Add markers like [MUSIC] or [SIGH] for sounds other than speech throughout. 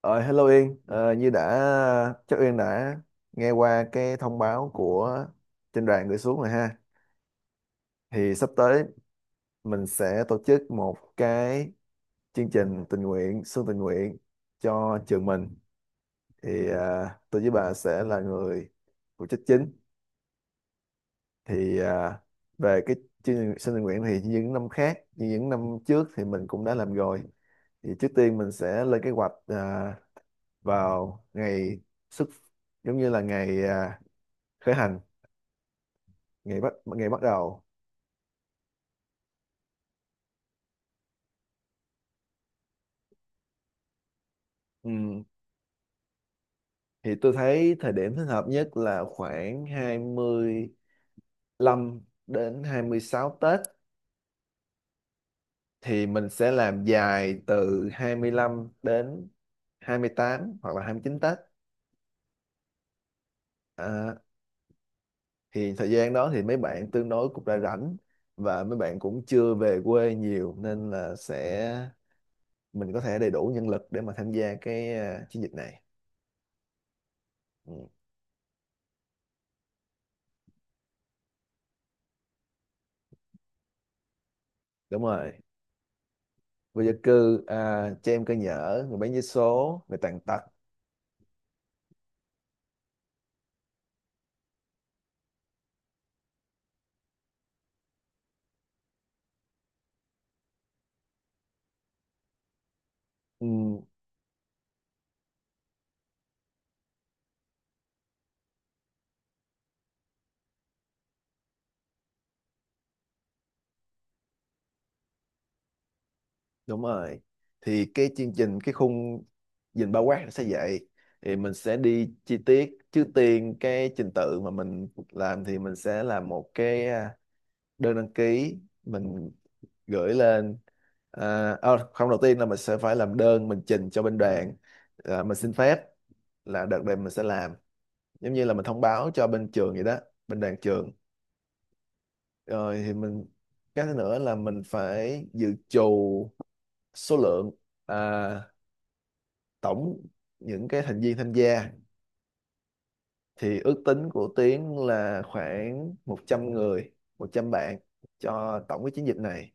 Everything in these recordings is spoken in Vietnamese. Ờ, Hello Yên. Ờ, Như đã chắc Yên đã nghe qua cái thông báo của trên đoàn gửi xuống rồi ha. Thì sắp tới mình sẽ tổ chức một cái chương trình tình nguyện, xuân tình nguyện cho trường mình. Thì tôi với bà sẽ là người phụ trách chính. Thì về cái chương trình xuân tình nguyện thì như những năm khác, như những năm trước thì mình cũng đã làm rồi. Thì trước tiên mình sẽ lên kế hoạch vào ngày xuất, giống như là ngày, khởi hành, ngày bắt đầu. Ừm, thì tôi thấy thời điểm thích hợp nhất là khoảng 25 đến 26 Tết, thì mình sẽ làm dài từ 25 đến 28 hoặc là 29 Tết. à, thì thời gian đó thì mấy bạn tương đối cũng đã rảnh và mấy bạn cũng chưa về quê nhiều nên là sẽ mình có thể đầy đủ nhân lực để mà tham gia cái chiến dịch này. Ừ, đúng rồi, vô gia cư, trẻ em cơ nhở, người bán vé số, người tàn tật. Ừ, đúng rồi. Thì cái chương trình, cái khung nhìn bao quát nó sẽ vậy. Thì mình sẽ đi chi tiết. Trước tiên cái trình tự mà mình làm thì mình sẽ làm một cái đơn đăng ký mình gửi lên. Không, đầu tiên là mình sẽ phải làm đơn mình trình cho bên đoàn. Mình xin phép là đợt này mình sẽ làm. Giống như là mình thông báo cho bên trường vậy đó, bên đoàn trường. Rồi thì mình, cái thứ nữa là mình phải dự trù số lượng. À, Tổng những cái thành viên tham gia thì ước tính của Tiến là khoảng 100 người, 100 bạn cho tổng cái chiến dịch này.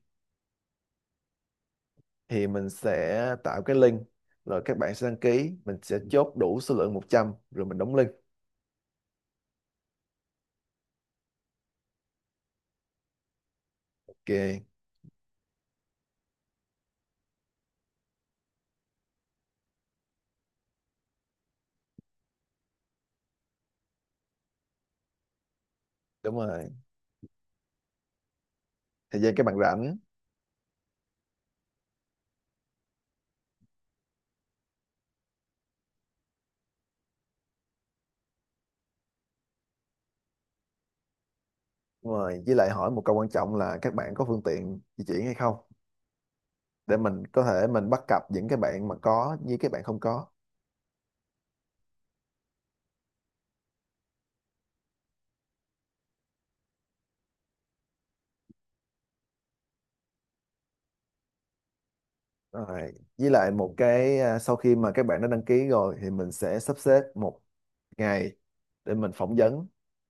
Thì mình sẽ tạo cái link, rồi các bạn sẽ đăng ký, mình sẽ chốt đủ số lượng 100 rồi mình đóng link. Ok. Đúng rồi, thời gian các bạn rảnh. Đúng rồi, với lại hỏi một câu quan trọng là các bạn có phương tiện di chuyển hay không, để mình có thể, mình bắt cặp những cái bạn mà có với các bạn không có. Rồi với lại một cái, sau khi mà các bạn đã đăng ký rồi thì mình sẽ sắp xếp một ngày để mình phỏng vấn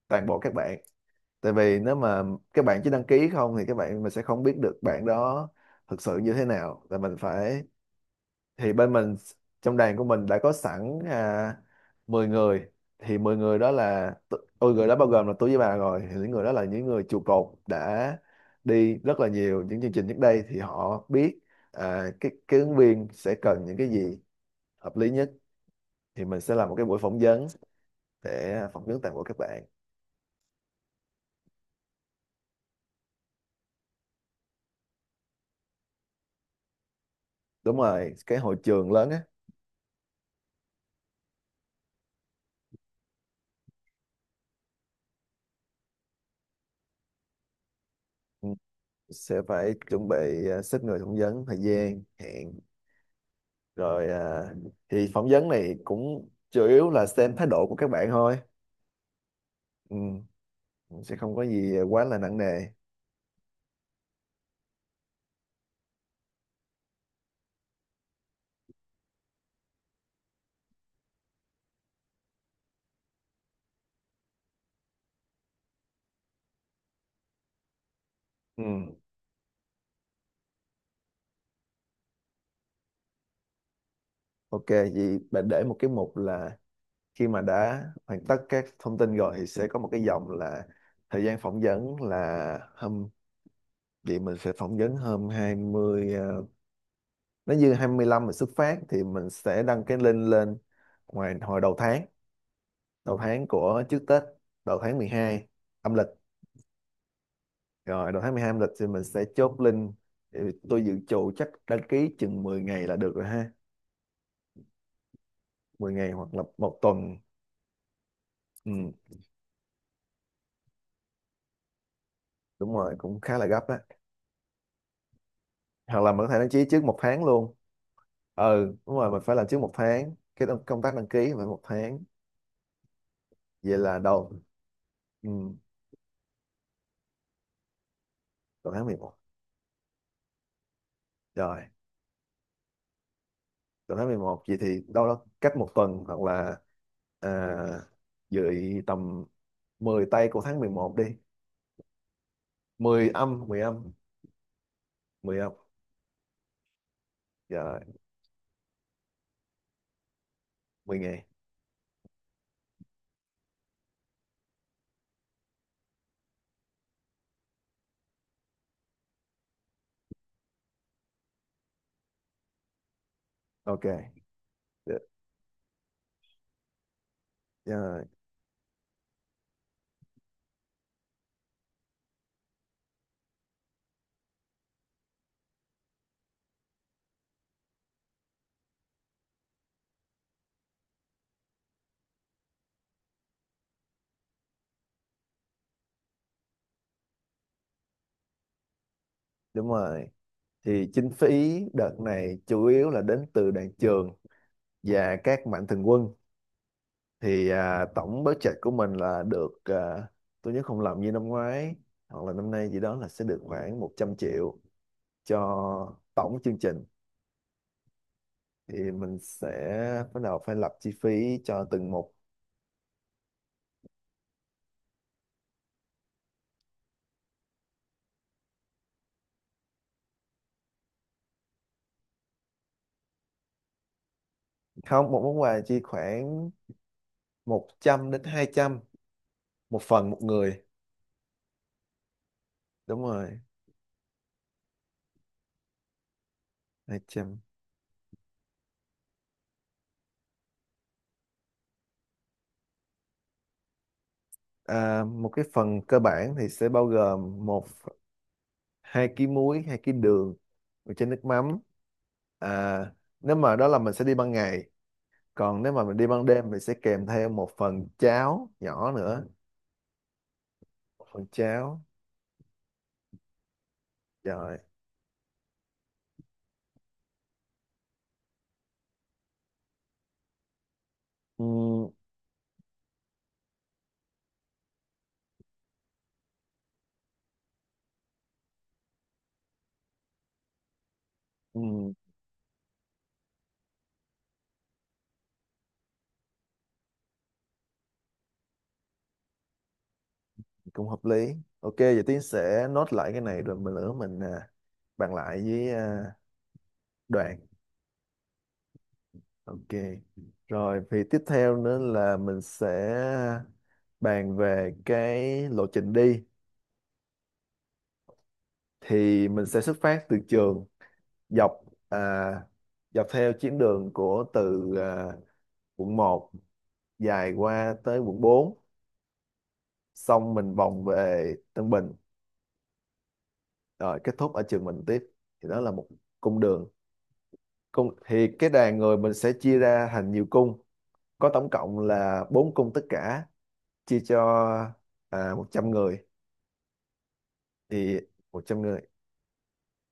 toàn bộ các bạn. Tại vì nếu mà các bạn chỉ đăng ký không thì các bạn, mình sẽ không biết được bạn đó thực sự như thế nào là mình phải. Thì bên mình, trong đoàn của mình đã có sẵn, 10 người. Thì 10 người đó là ôi, người đó bao gồm là tôi với bà, rồi thì những người đó là những người trụ cột đã đi rất là nhiều những chương trình trước đây thì họ biết cái ứng viên sẽ cần những cái gì hợp lý nhất. Thì mình sẽ làm một cái buổi phỏng vấn để phỏng vấn toàn bộ các bạn. Đúng rồi, cái hội trường lớn á. Ừ, sẽ phải chuẩn bị, xếp người phỏng vấn, thời gian hẹn. Rồi, thì phỏng vấn này cũng chủ yếu là xem thái độ của các bạn thôi, ừ, sẽ không có gì quá là nặng nề. Ừ, ok, vậy bạn để một cái mục là, khi mà đã hoàn tất các thông tin rồi thì sẽ có một cái dòng là thời gian phỏng vấn là hôm, vậy mình sẽ phỏng vấn hôm 20. Nếu như 25 mình xuất phát thì mình sẽ đăng cái link lên ngoài hồi đầu tháng, của trước Tết, đầu tháng 12 âm lịch. Rồi đầu tháng 12 âm lịch thì mình sẽ chốt link. Thì tôi dự trù chắc đăng ký chừng 10 ngày là được rồi ha, 10 ngày hoặc là một tuần. Ừ, đúng rồi, cũng khá là gấp á, hoặc là mình có thể đăng ký trước một tháng luôn. Ừ, đúng rồi, mình phải làm trước một tháng, cái công tác đăng ký phải một tháng. Vậy là đầu, ừ, đầu tháng 11. Rồi đầu tháng 11 vậy thì đâu đó cách một tuần, hoặc là à, dự tầm 10 tây của tháng 11 đi. 10 âm, 10 âm, 10 âm. Dạ rồi, 10 ngày. Ok. Đ- dạ rồi. Đúng rồi, thì kinh phí đợt này chủ yếu là đến từ đoàn trường và các mạnh thường quân. Thì tổng budget của mình là được, tôi nhớ không lầm như năm ngoái hoặc là năm nay gì đó là sẽ được khoảng 100 triệu cho tổng chương trình. Thì mình sẽ bắt đầu phải lập chi phí cho từng một. Không, một món quà chi khoảng 100 đến 200 một phần một người. Đúng rồi, 200. Một cái phần cơ bản thì sẽ bao gồm một, 2 ký muối, 2 ký đường, một chén nước mắm. À, Nếu mà đó là mình sẽ đi ban ngày, còn nếu mà mình đi ban đêm mình sẽ kèm theo một phần cháo nhỏ nữa, một phần cháo. Rồi. Ừ, ừ, cũng hợp lý. Ok, giờ Tiến sẽ nốt lại cái này rồi mình nữa mình, bàn lại với, đoàn. Ok. Rồi thì tiếp theo nữa là mình sẽ bàn về cái lộ trình đi. Thì mình sẽ xuất phát từ trường dọc, à, dọc theo chuyến đường của từ, quận một dài qua tới quận 4. Xong mình vòng về Tân Bình, rồi kết thúc ở trường mình tiếp. Thì đó là một cung đường. Cung thì cái đoàn người mình sẽ chia ra thành nhiều cung, có tổng cộng là 4 cung tất cả, chia cho 100 người. Thì 100 người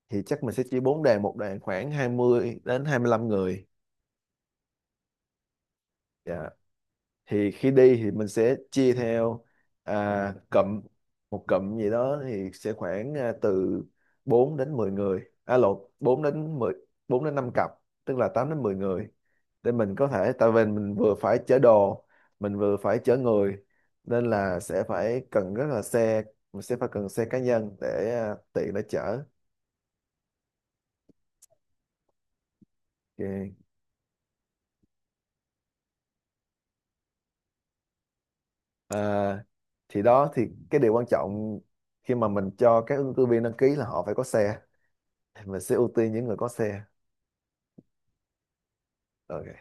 thì chắc mình sẽ chia 4 đoàn, một đoàn khoảng 20 đến 25 người. Dạ. Thì khi đi thì mình sẽ chia theo cụm. Một cụm gì đó thì sẽ khoảng, từ 4 đến 10 người, à lộn, 4 đến mười, 4 đến 5 cặp tức là 8 đến 10 người, để mình có thể, tại vì mình vừa phải chở đồ, mình vừa phải chở người, nên là sẽ phải cần rất là xe. Mình sẽ phải cần xe cá nhân để, tiện để chở. Ok. À, thì đó thì cái điều quan trọng khi mà mình cho các ứng cử viên đăng ký là họ phải có xe, mình sẽ ưu tiên những người có xe. Ok.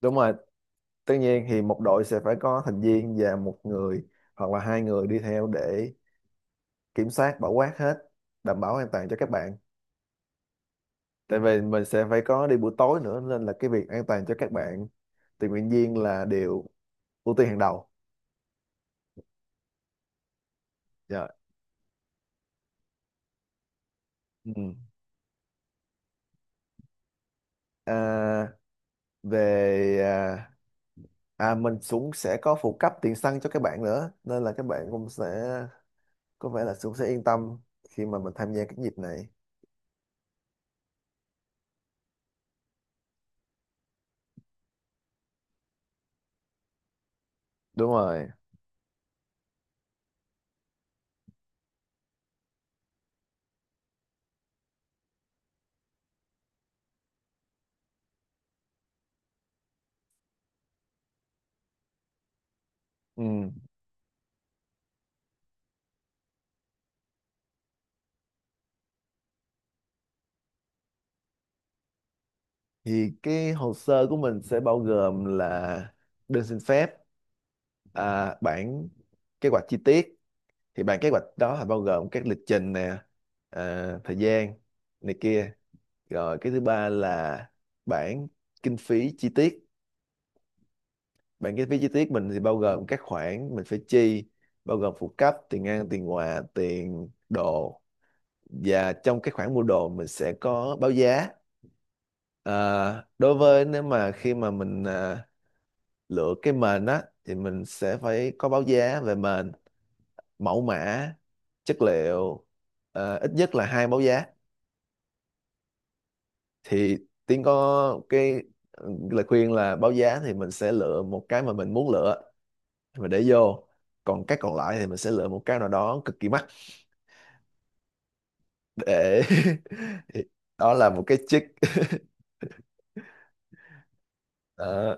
Đúng rồi, tất nhiên thì một đội sẽ phải có thành viên và một người hoặc là hai người đi theo để kiểm soát bảo quát hết, đảm bảo an toàn cho các bạn. Tại vì mình sẽ phải có đi buổi tối nữa nên là cái việc an toàn cho các bạn tình nguyện viên là điều ưu tiên hàng đầu. Dạ. Ừ. à, về à, mình cũng sẽ có phụ cấp tiền xăng cho các bạn nữa nên là các bạn cũng sẽ có vẻ là cũng sẽ yên tâm khi mà mình tham gia cái dịp này. Đúng rồi. Ừ. Thì cái hồ sơ của mình sẽ bao gồm là đơn xin phép, bản kế hoạch chi tiết. Thì bản kế hoạch đó là bao gồm các lịch trình nè, thời gian này kia. Rồi cái thứ ba là bản kinh phí chi tiết. Bản kế phí chi tiết mình thì bao gồm các khoản mình phải chi, bao gồm phụ cấp, tiền ăn, tiền quà, tiền đồ, và trong cái khoản mua đồ mình sẽ có báo giá. À, Đối với, nếu mà khi mà mình lựa cái mền á thì mình sẽ phải có báo giá về mền, mẫu mã, chất liệu, ít nhất là hai báo giá. Thì Tiến có cái lời khuyên là báo giá thì mình sẽ lựa một cái mà mình muốn lựa mà để vô, còn cái còn lại thì mình sẽ lựa một cái nào đó cực kỳ mắc để [LAUGHS] đó là một cái chick [LAUGHS] đó.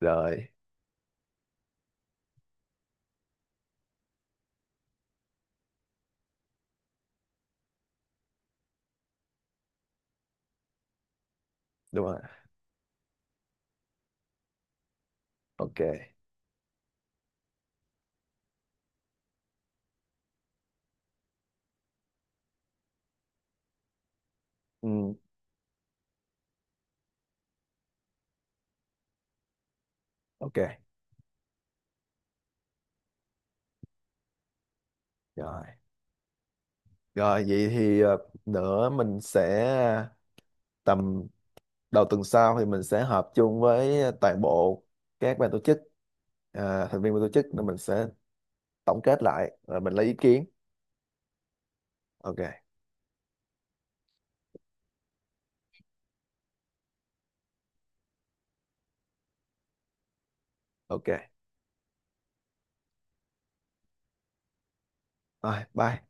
Rồi, đúng rồi. Ok. Ừ, ok. Rồi, rồi, vậy thì nữa mình sẽ tầm đầu tuần sau thì mình sẽ họp chung với toàn bộ các ban tổ chức, thành viên ban tổ chức, nên mình sẽ tổng kết lại rồi mình lấy ý kiến. Ok. Ok. Rồi, bye.